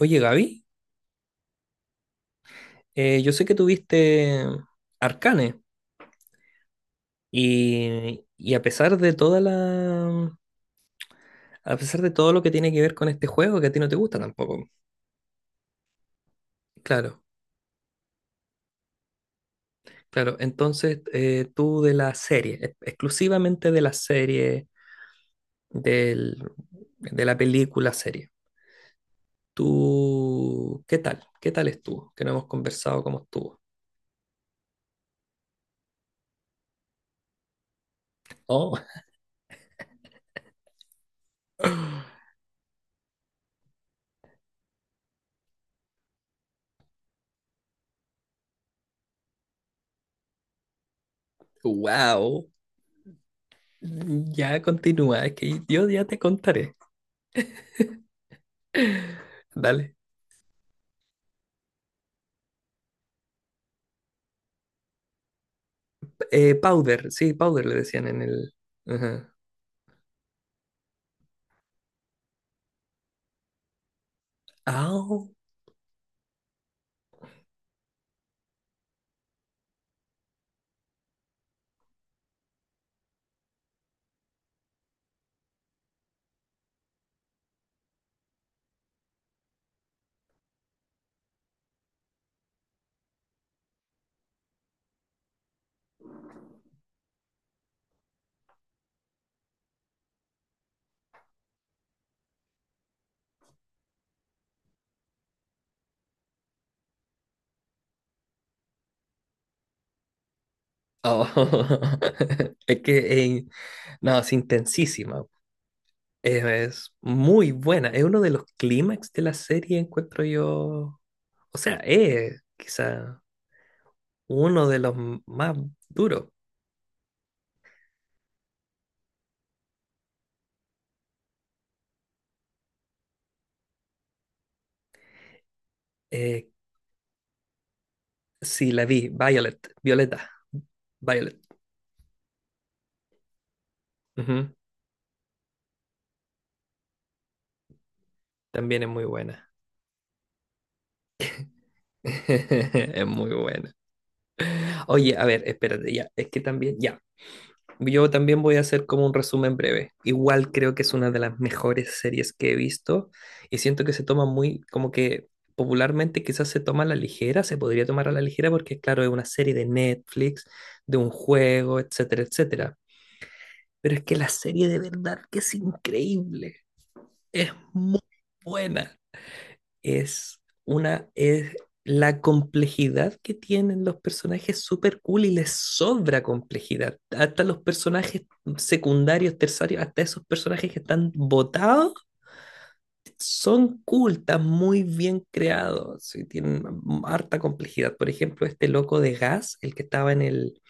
Oye, Gaby, yo sé que tuviste Arcane y a pesar de todo lo que tiene que ver con este juego, que a ti no te gusta tampoco. Claro, claro. Entonces, tú de la serie, exclusivamente de la serie, del, de la película serie. ¿Tú qué tal? ¿Qué tal estuvo? Que no hemos conversado cómo estuvo. Oh, wow. Ya continúa, es que yo ya te contaré. Dale. Powder, sí, powder le decían en el. Ajá. Au. Oh. Es que, eh, no, es intensísima. Es muy buena. Es uno de los clímax de la serie, encuentro yo. O sea, es quizá uno de los más duros. Eh, sí, la vi, Violet, Violeta, Violet. Ujú. También es muy buena. Es muy buena. Oye, a ver, espérate, ya. Es que también, ya. Yo también voy a hacer como un resumen breve. Igual creo que es una de las mejores series que he visto y siento que se toma muy, como que popularmente quizás se toma a la ligera, se podría tomar a la ligera porque claro, es una serie de Netflix, de un juego, etcétera, etcétera. Pero es que la serie de verdad que es increíble, es muy buena, es una, es la complejidad que tienen los personajes súper cool y les sobra complejidad. Hasta los personajes secundarios, terciarios, hasta esos personajes que están botados, son cool, están muy bien creados y tienen harta complejidad. Por ejemplo, este loco de gas, el que estaba en el,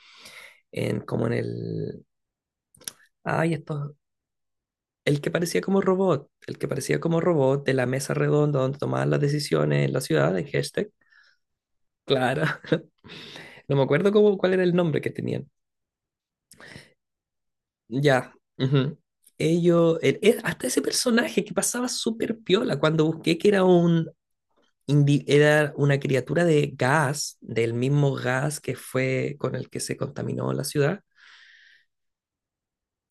en, como en el, ay, esto, el que parecía como robot, el que parecía como robot de la mesa redonda donde tomaban las decisiones en la ciudad, en hashtag. Claro, no me acuerdo cómo, cuál era el nombre que tenían. Ya. Ujú. Ellos, hasta ese personaje que pasaba súper piola cuando busqué que era era una criatura de gas, del mismo gas que fue con el que se contaminó la ciudad.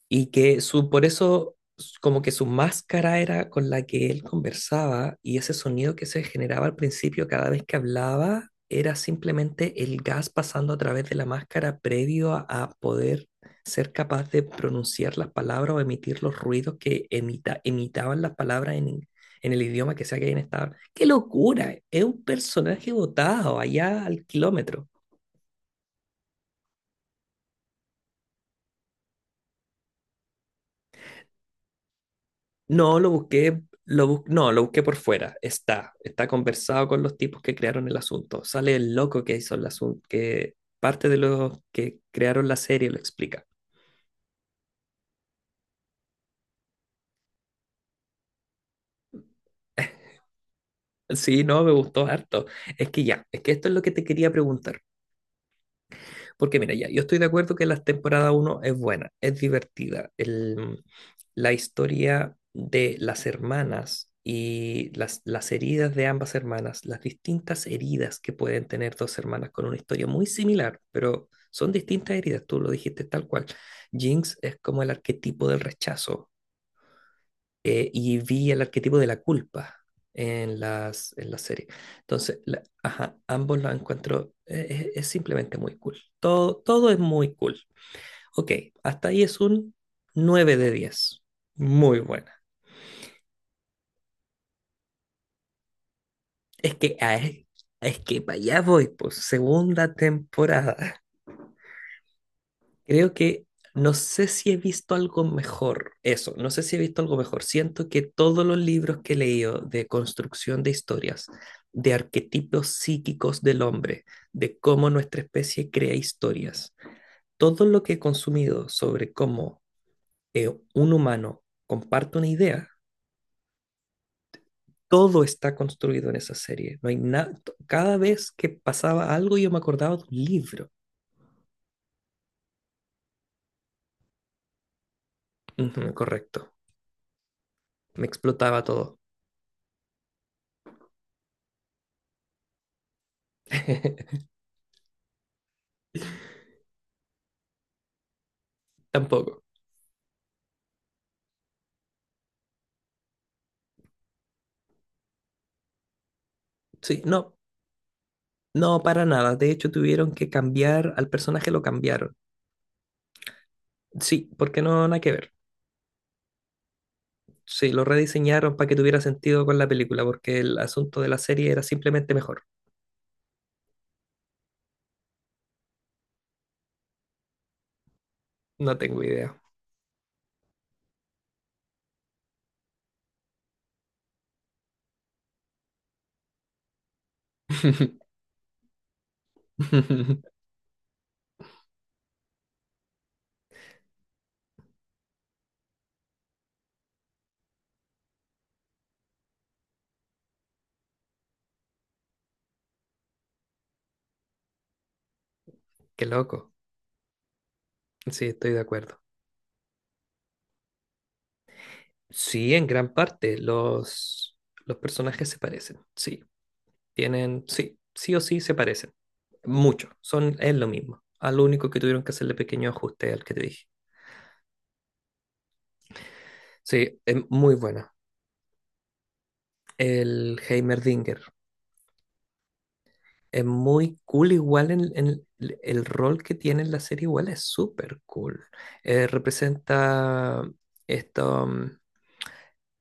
Y que su, por eso, como que su máscara era con la que él conversaba y ese sonido que se generaba al principio cada vez que hablaba era simplemente el gas pasando a través de la máscara previo a poder ser capaz de pronunciar las palabras o emitir los ruidos que emita, imitaban las palabras en el idioma que sea que hayan estado. ¡Qué locura! Es un personaje botado allá al kilómetro. No, lo busqué, no, lo busqué por fuera. Está conversado con los tipos que crearon el asunto. Sale el loco que hizo el asunto, que parte de los que crearon la serie lo explica. Sí, no, me gustó harto. Es que ya, es que esto es lo que te quería preguntar. Porque mira, ya, yo estoy de acuerdo que la temporada uno es buena, es divertida. La historia de las hermanas y las heridas de ambas hermanas, las distintas heridas que pueden tener dos hermanas con una historia muy similar, pero son distintas heridas, tú lo dijiste tal cual. Jinx es como el arquetipo del rechazo, y vi el arquetipo de la culpa en la serie. Entonces, ajá, ambos los encuentro, simplemente muy cool. Todo, todo es muy cool. Ok, hasta ahí es un 9 de 10. Muy buena. Es que, ah, es que para allá voy, pues, segunda temporada. Creo que no sé si he visto algo mejor, eso, no sé si he visto algo mejor. Siento que todos los libros que he leído de construcción de historias, de arquetipos psíquicos del hombre, de cómo nuestra especie crea historias, todo lo que he consumido sobre cómo eh, un humano comparte una idea, todo está construido en esa serie. No hay nada, cada vez que pasaba algo yo me acordaba de un libro. Ujú, correcto, me explotaba todo. Tampoco. Sí, no, no, para nada. De hecho, tuvieron que cambiar al personaje, lo cambiaron. Sí, porque no, nada que ver. Sí, lo rediseñaron para que tuviera sentido con la película, porque el asunto de la serie era simplemente mejor. No tengo idea. Qué loco. Sí, estoy de acuerdo. Sí, en gran parte los personajes se parecen. Sí, tienen, sí, sí o sí se parecen. Mucho. Son, es lo mismo. A lo único que tuvieron que hacerle pequeño ajuste al que te dije. Sí, es muy buena. El Heimerdinger. Es muy cool igual en el rol que tiene en la serie igual es súper cool. Representa esto,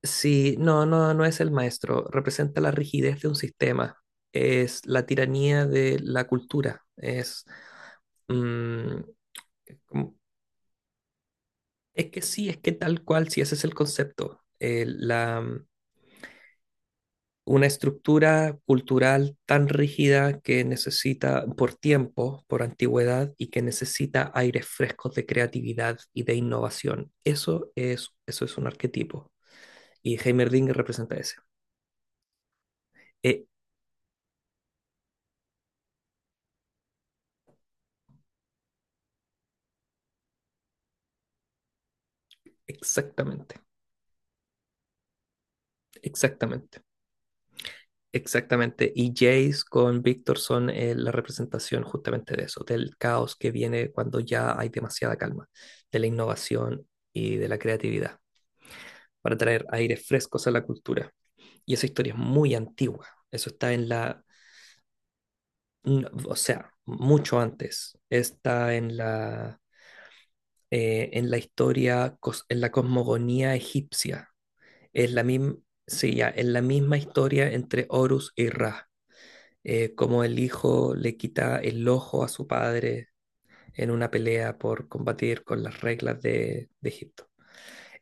sí, no, no, no es el maestro, representa la rigidez de un sistema, es la tiranía de la cultura, mm, como- es que sí, es que tal cual, si ese es el concepto. Una estructura cultural tan rígida que necesita por tiempo, por antigüedad y que necesita aires frescos de creatividad y de innovación. Eso es un arquetipo y Heimerdinger representa ese. Eh, Exactamente, exactamente. Exactamente, y Jace con Víctor son, la representación justamente de eso, del caos que viene cuando ya hay demasiada calma, de la innovación y de la creatividad, para traer aires frescos a la cultura. Y esa historia es muy antigua. Eso está en la, o sea, mucho antes. Está en la historia, en la cosmogonía egipcia. Es la misma, sí, ya, es la misma historia entre Horus y Ra. Como el hijo le quita el ojo a su padre en una pelea por combatir con las reglas de Egipto.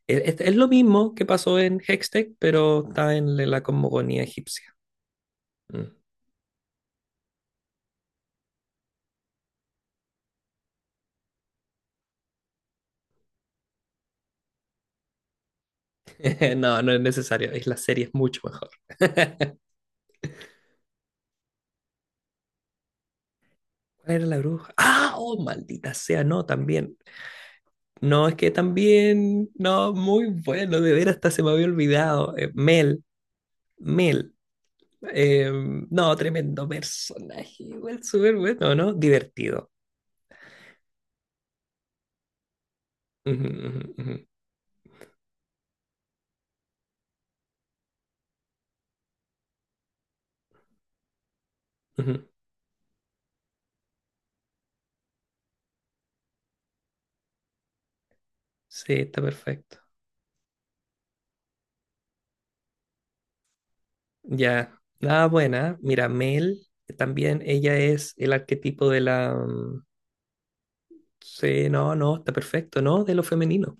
Es lo mismo que pasó en Hextech, pero está en la cosmogonía egipcia. Mm. No, no es necesario. Es la serie, es mucho mejor. ¿Cuál era la bruja? ¡Ah! ¡Oh, maldita sea! No, también. No, es que también. No, muy bueno. De ver hasta se me había olvidado. Mel. Mel. Eh, no, tremendo personaje. Igual súper bueno, ¿no? Divertido. Ujú, ujú, ujú, ujú. Sí, está perfecto. Ya. Nada buena. Mira, Mel también. Ella es el arquetipo de la. Sí, no, no, está perfecto, ¿no? De lo femenino.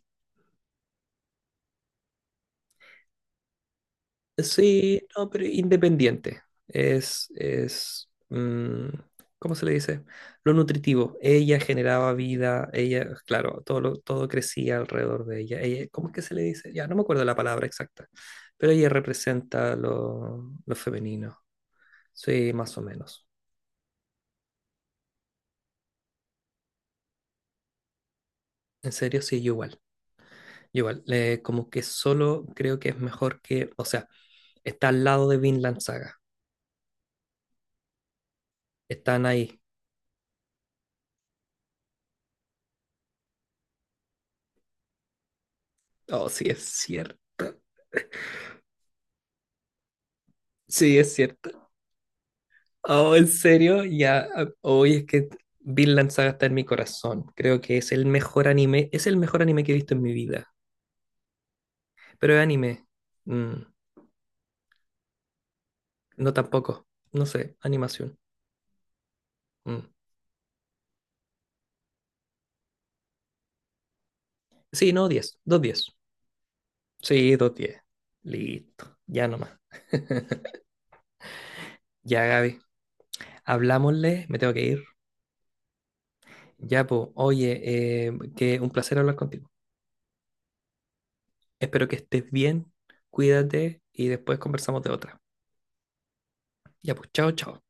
Sí, no, pero independiente. Es, es, mm, ¿Cómo se le dice? Lo nutritivo. Ella generaba vida, ella, claro, todo, todo crecía alrededor de ella. Ella, ¿cómo es que se le dice? Ya, no me acuerdo la palabra exacta, pero ella representa lo femenino. Sí, más o menos. En serio, sí, yo igual. Como que solo creo que es mejor que, o sea, está al lado de Vinland Saga. Están ahí. Oh, sí, es cierto. Sí, es cierto. Oh, en serio, ya, ah, hoy es que Vinland Saga está en mi corazón. Creo que es el mejor anime, es el mejor anime que he visto en mi vida. Pero es anime, mm, no tampoco, no sé, animación. mm. Sí, no, 10, dos 10. Sí, dos 10. Listo, ya nomás. Ya, Gaby, hablámosle, me tengo que ir. Ya, pues, oye, que un placer hablar contigo. Espero que estés bien, cuídate y después conversamos de otra. Ya, pues, chao, chao.